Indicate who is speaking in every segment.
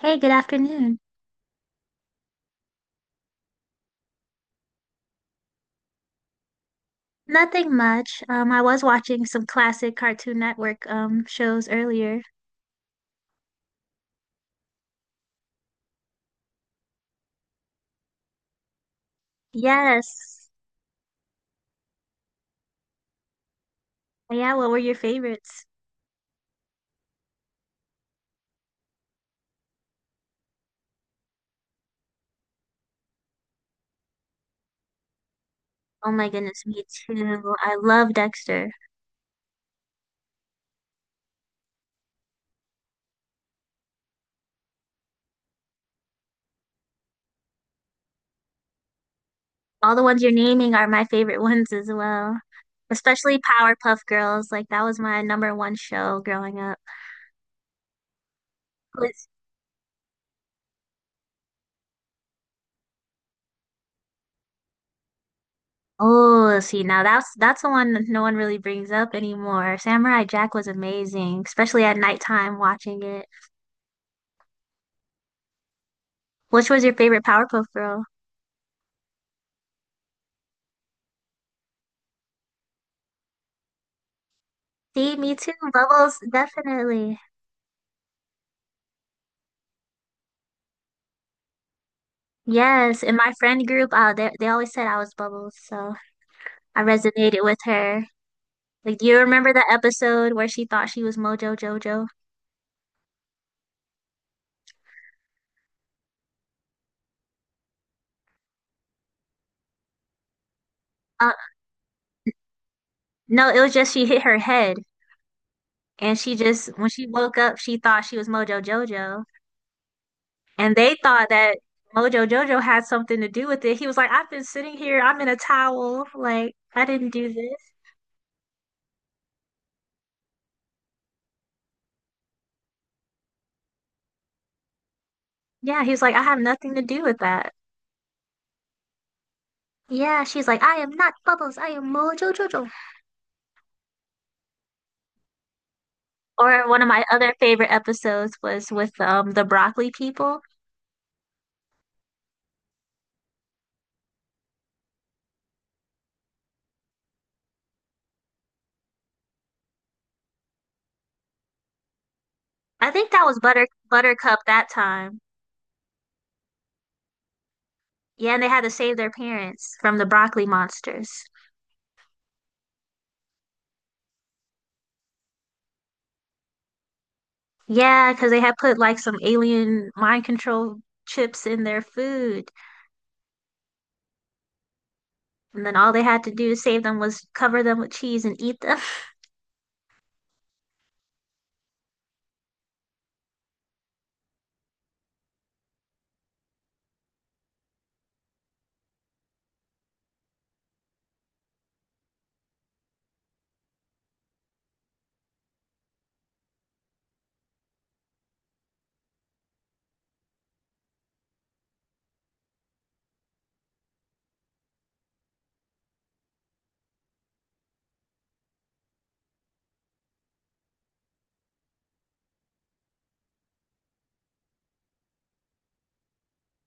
Speaker 1: Hey, good afternoon. Nothing much. I was watching some classic Cartoon Network shows earlier. Yes. Yeah, what were your favorites? Oh my goodness, me too. I love Dexter. All the ones you're naming are my favorite ones as well. Especially Powerpuff Girls. Like that was my number one show growing up. Was- Oh, see now that's the one that no one really brings up anymore. Samurai Jack was amazing, especially at nighttime watching it. Which was your favorite Powerpuff Girl? See, me too. Bubbles, definitely. Yes, in my friend group, they always said I was Bubbles, so I resonated with her. Like, do you remember the episode where she thought she was Mojo Jojo? Uh, no, it was just she hit her head, and she just when she woke up, she thought she was Mojo Jojo, and they thought that Mojo Jojo had something to do with it. He was like, "I've been sitting here, I'm in a towel, like I didn't do this." Yeah, he was like, "I have nothing to do with that." Yeah, she's like, "I am not Bubbles, I am Mojo Jojo." Or one of my other favorite episodes was with the broccoli people. I think that was Buttercup that time. Yeah, and they had to save their parents from the broccoli monsters. Yeah, because they had put like some alien mind control chips in their food, and then all they had to do to save them was cover them with cheese and eat them.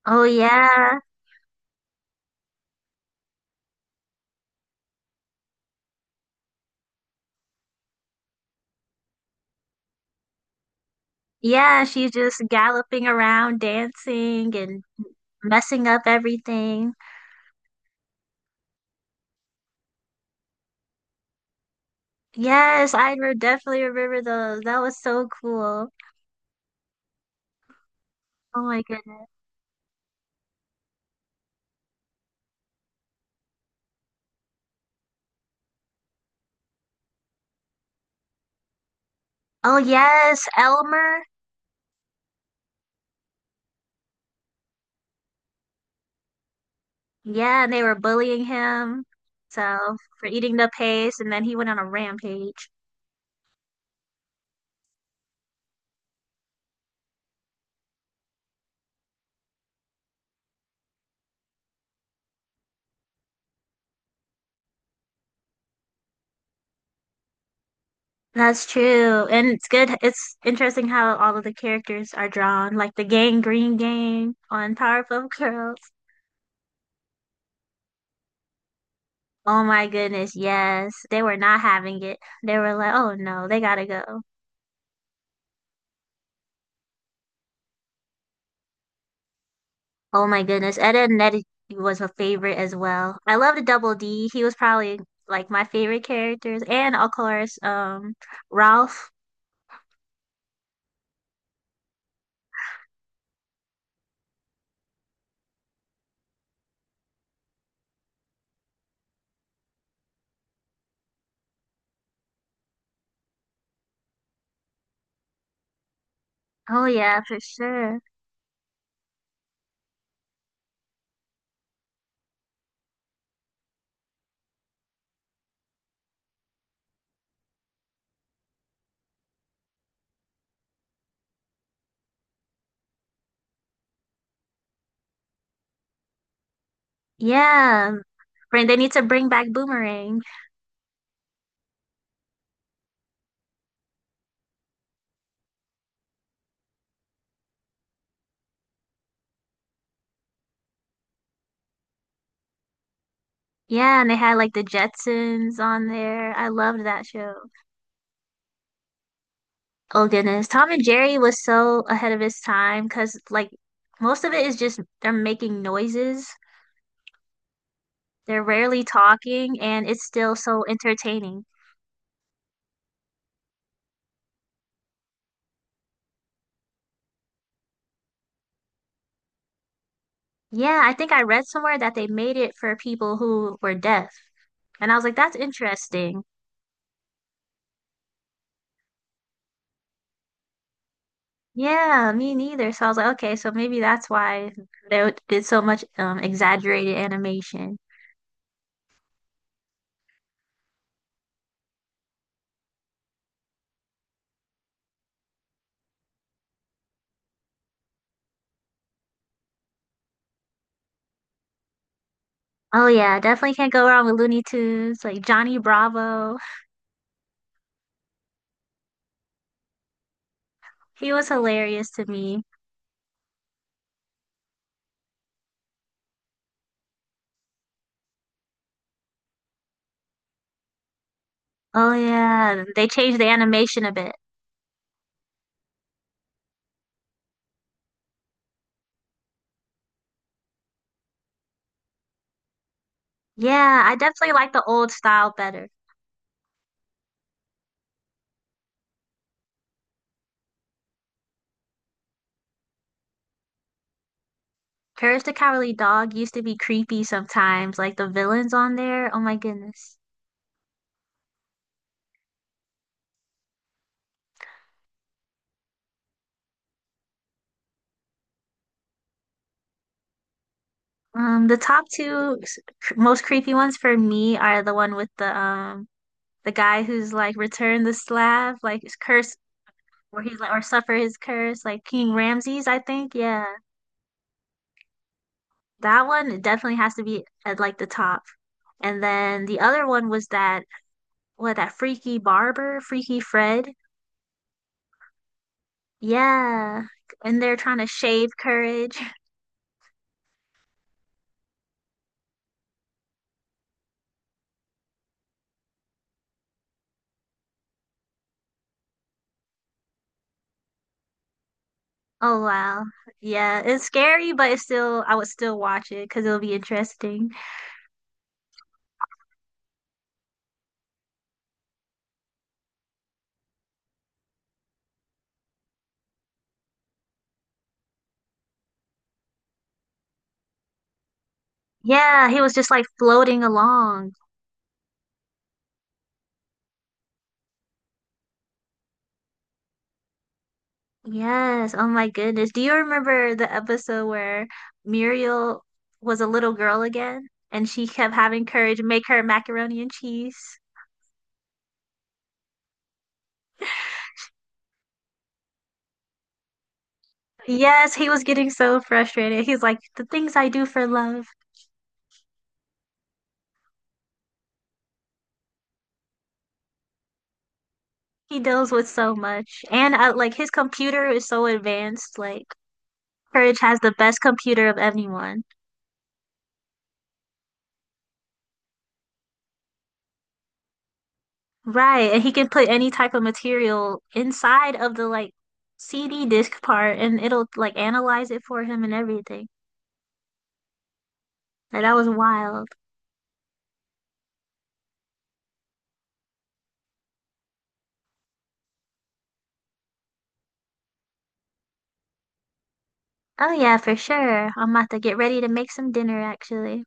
Speaker 1: Oh yeah. Yeah, she's just galloping around, dancing and messing up everything. Yes, definitely remember those. That was so cool. Oh my goodness. Oh yes, Elmer. Yeah, and they were bullying him. So for eating the paste and then he went on a rampage. That's true. And it's good. It's interesting how all of the characters are drawn, like the gang Green Gang on Powerpuff Girls. Oh my goodness, yes. They were not having it. They were like, oh no, they gotta go. Oh my goodness. Ed and Eddie was a favorite as well. I love the Double D. He was probably like my favorite characters. And of course, Ralph. Oh yeah, for sure. Yeah. They need to bring back Boomerang. Yeah, and they had like the Jetsons on there. I loved that show. Oh goodness. Tom and Jerry was so ahead of his time because like most of it is just they're making noises. They're rarely talking and it's still so entertaining. Yeah, I think I read somewhere that they made it for people who were deaf. And I was like, that's interesting. Yeah, me neither. So I was like, okay, so maybe that's why they did so much exaggerated animation. Oh yeah, definitely can't go wrong with Looney Tunes, like Johnny Bravo. He was hilarious to me. Oh yeah, they changed the animation a bit. Yeah, I definitely like the old style better. Courage the Cowardly Dog used to be creepy sometimes, like the villains on there. Oh my goodness. The top two most creepy ones for me are the one with the guy who's like returned the slab, like his curse, or he's like or suffer his curse, like King Ramses, I think. Yeah, that one definitely has to be at like the top. And then the other one was that what that freaky barber, Freaky Fred. Yeah, and they're trying to shave courage. Oh wow, yeah, it's scary, but it's still I would still watch it because it'll be interesting. Yeah, he was just like floating along. Yes, oh my goodness. Do you remember the episode where Muriel was a little girl again and she kept having courage make her macaroni and cheese? Yes, he was getting so frustrated. He's like, the things I do for love. He deals with so much. And I, like his computer is so advanced. Like, Courage has the best computer of anyone. Right, and he can put any type of material inside of the like CD disc part and it'll like analyze it for him and everything. Like that was wild. Oh yeah, for sure. I'm about to get ready to make some dinner actually.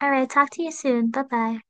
Speaker 1: All right, talk to you soon. Bye bye.